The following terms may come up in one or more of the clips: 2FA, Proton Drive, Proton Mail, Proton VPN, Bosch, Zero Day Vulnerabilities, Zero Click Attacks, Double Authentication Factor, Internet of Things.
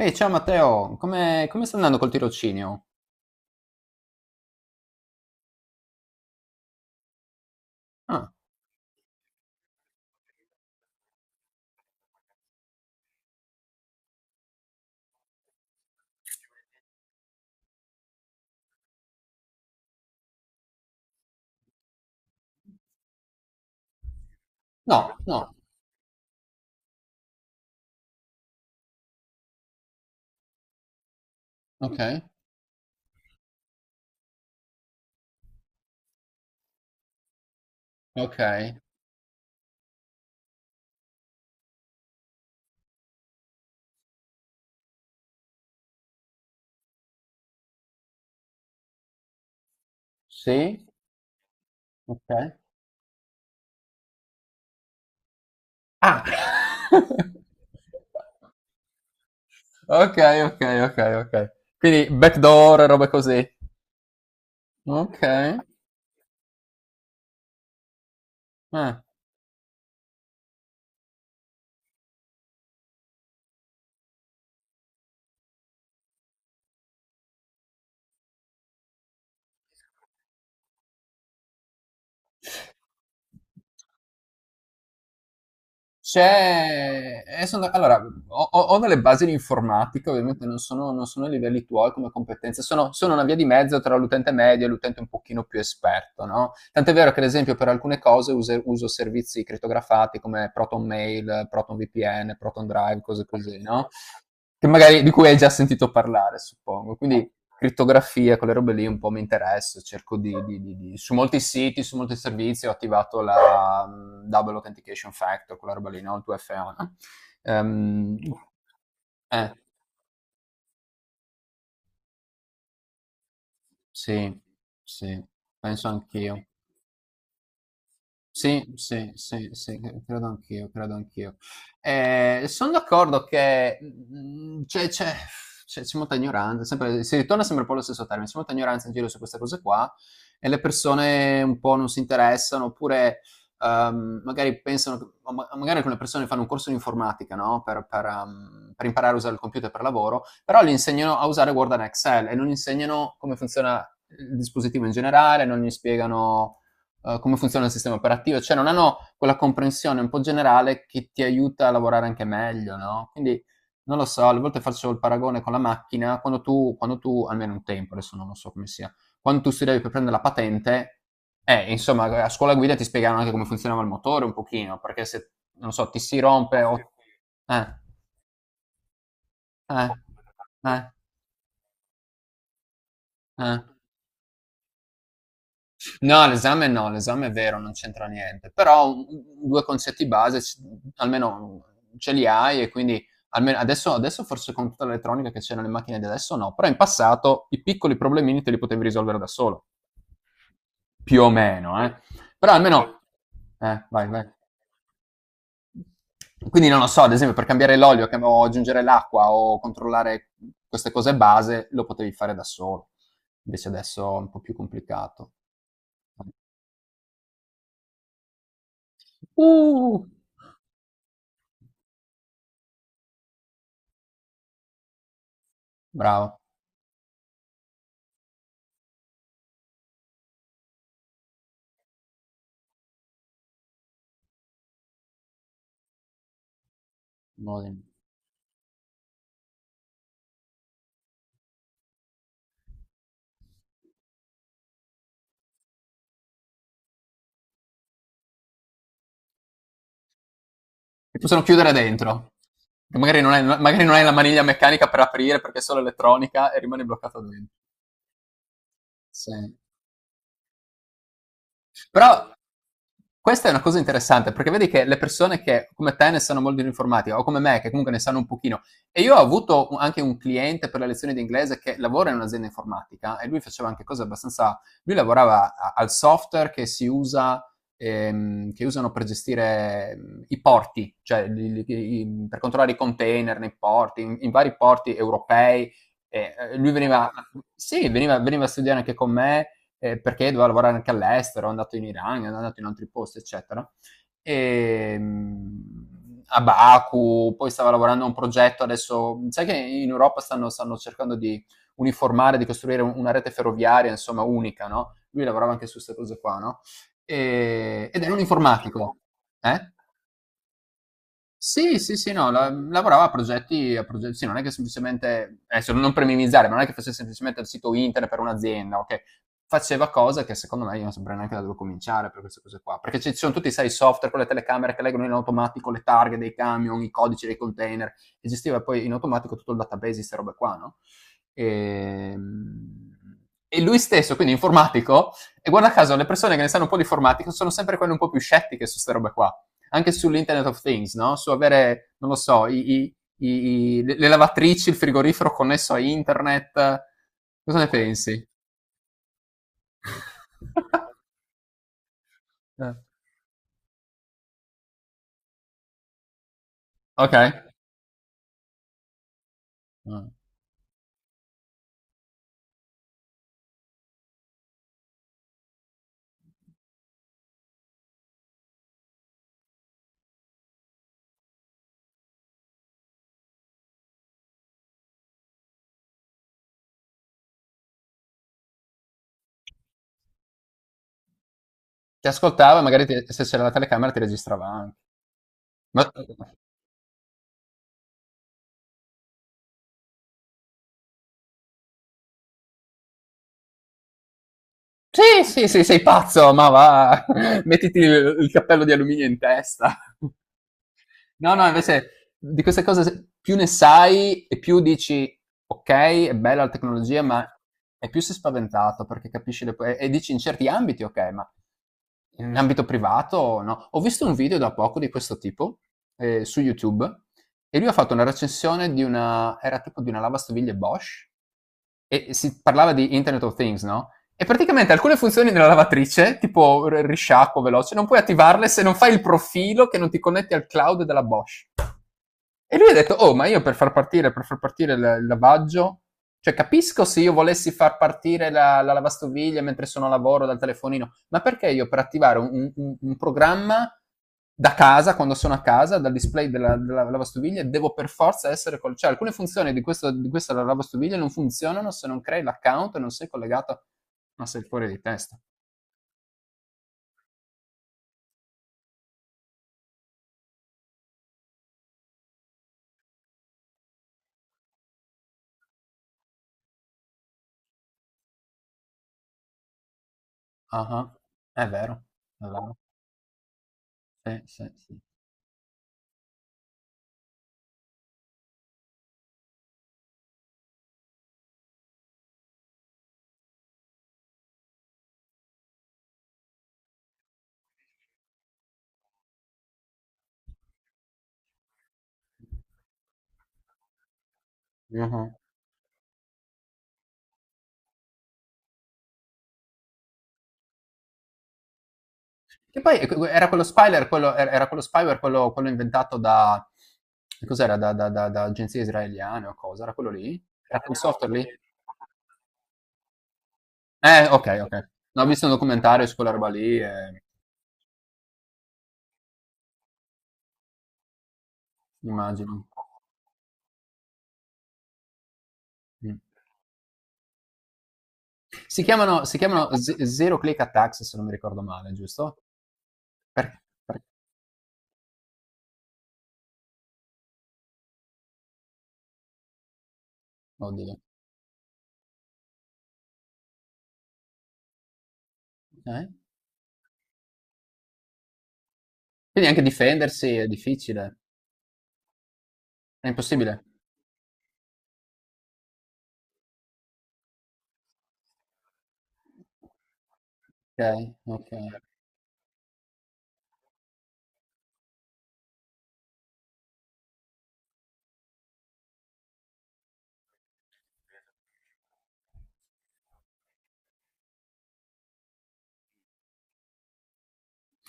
Ehi, ciao Matteo, come sta andando col tirocinio? Ah, no, no, ok, ok, sì, ok. Ah! Ok, ok, ok, ok. Quindi backdoor, roba così. Ok, eh. C'è... Allora, ho delle basi di informatica, ovviamente non sono ai livelli tuoi come competenze, sono una via di mezzo tra l'utente medio e l'utente un pochino più esperto, no? Tant'è vero che, ad esempio, per alcune cose uso servizi crittografati come Proton Mail, Proton VPN, Proton Drive, cose così, no? Che magari di cui hai già sentito parlare, suppongo. Quindi crittografia, quelle robe lì un po' mi interessa, cerco di su molti siti, su molti servizi ho attivato la Double Authentication Factor, quella roba lì, no? Il 2FA, no? Ehm, eh, sì, sì, penso anch'io. Sì, sì, sì, sì, credo anch'io, credo anch'io. Sono d'accordo che c'è molta ignoranza, si ritorna sempre un po' allo stesso termine, c'è molta ignoranza in giro su queste cose qua e le persone un po' non si interessano oppure magari pensano, magari alcune persone fanno un corso di informatica, no? Per imparare a usare il computer per lavoro, però gli insegnano a usare Word e Excel e non insegnano come funziona il dispositivo in generale, non gli spiegano come funziona il sistema operativo, cioè non hanno quella comprensione un po' generale che ti aiuta a lavorare anche meglio, no? Quindi non lo so, alle volte faccio il paragone con la macchina, quando tu almeno un tempo, adesso non lo so come sia, quando tu studiavi per prendere la patente, insomma, a scuola guida ti spiegavano anche come funzionava il motore un pochino, perché se, non so, ti si rompe o... Eh, eh, eh, eh. No, l'esame no, l'esame è vero, non c'entra niente, però u u due concetti base s almeno ce li hai e quindi almeno adesso forse con tutta l'elettronica che c'è nelle macchine di adesso no, però in passato i piccoli problemini te li potevi risolvere da solo. Più o meno, eh. Però poi almeno vai, vai. Quindi non lo so, ad esempio per cambiare l'olio cam o aggiungere l'acqua o controllare queste cose base, lo potevi fare da solo. Invece adesso è un po' più complicato. Uh, bravo. Buono. Li possono chiudere dentro. Magari non hai la maniglia meccanica per aprire perché è solo elettronica e rimane bloccato dentro. Sì. Però questa è una cosa interessante perché vedi che le persone che come te ne sanno molto di informatica o come me che comunque ne sanno un pochino, e io ho avuto anche un cliente per le lezioni di inglese che lavora in un'azienda informatica e lui faceva anche cose abbastanza, lui lavorava al software che si usa che usano per gestire i porti, cioè per controllare i container nei porti, in vari porti europei. E, sì, veniva a studiare anche con me perché doveva lavorare anche all'estero, è andato in Iran, è andato in altri posti, eccetera. E, a Baku, poi stava lavorando a un progetto adesso, sai che in Europa stanno cercando di uniformare, di costruire una rete ferroviaria, insomma, unica, no? Lui lavorava anche su queste cose qua, no? Ed era un informatico, eh? Sì, sì, sì, no, la lavorava a progetti sì, non è che semplicemente adesso, non per minimizzare, ma non è che fosse semplicemente il sito internet per un'azienda, okay, faceva cose che secondo me io non saprei neanche da dove cominciare per queste cose qua, perché ci sono tutti sai, i software con le telecamere che leggono in automatico le targhe dei camion, i codici dei container, e gestiva poi in automatico tutto il database di 'ste robe qua, no, ehm, e lui stesso, quindi informatico, e guarda caso le persone che ne sanno un po' di informatica sono sempre quelle un po' più scettiche su 'ste robe qua, anche sull'Internet of Things, no? Su avere, non lo so, le lavatrici, il frigorifero connesso a internet. Cosa ne pensi? Ok. Mm. Ti ascoltava, se c'era la telecamera ti registrava anche. Ma sì, sì, sì, sei pazzo, ma va, mettiti il cappello di alluminio in testa. No, no, invece di queste cose s più ne sai e più dici: "Okay, è bella la tecnologia", ma e più sei spaventato perché capisci le po e dici in certi ambiti: "Okay, ma in ambito privato no". Ho visto un video da poco di questo tipo, su YouTube, e lui ha fatto una recensione di una, era tipo di una lavastoviglie Bosch, e si parlava di Internet of Things, no? E praticamente alcune funzioni della lavatrice, tipo risciacquo veloce, non puoi attivarle se non fai il profilo, che non ti connetti al cloud della Bosch. E lui ha detto, oh, ma io per far partire il lavaggio, cioè capisco se io volessi far partire la lavastoviglie mentre sono a lavoro dal telefonino, ma perché io per attivare un programma da casa, quando sono a casa, dal display della lavastoviglie, devo per forza essere col... Cioè alcune funzioni di questa lavastoviglie non funzionano se non crei l'account e non sei collegato, ma sei fuori di testa. Ah, ah. È vero, è vero. Sì, sì, sì. Mhm. Che poi ecco, era quello spyware, quello inventato da... Cos'era? Da agenzie israeliane o cosa? Era quello lì? Era quel software lì? Ok, ok. No, ho visto un documentario su quella roba lì, immagino. Mm. Si chiamano Zero Click Attacks, se non mi ricordo male, giusto? Per, per- oddio. Eh? Quindi anche difendersi è difficile, è impossibile. Ok, ok.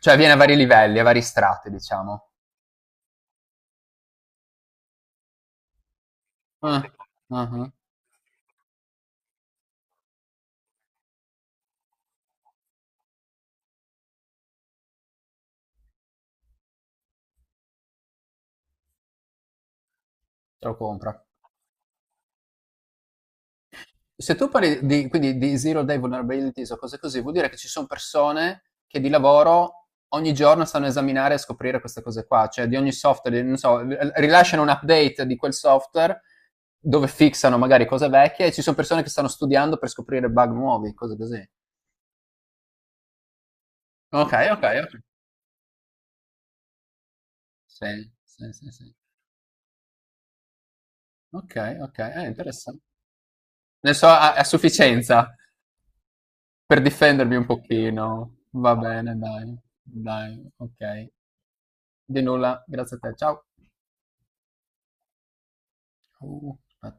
Cioè viene a vari livelli, a vari strati, diciamo. Ah, ah-ah, te lo compra. Se tu parli di, quindi, di Zero Day Vulnerabilities o cose così, vuol dire che ci son persone che di lavoro ogni giorno stanno a esaminare e scoprire queste cose qua, cioè di ogni software, di non so, r rilasciano un update di quel software dove fixano magari cose vecchie, e ci son persone che stanno studiando per scoprire bug nuovi, cose così. Okay, okay, okay. Sì, sì, sì, sì. Okay, okay, interessan ne so a sufficienza. Per difendermi un pochino. Va bene, dai. Dai, okay. Di nulla, grazie a te. Ciao. Ciao.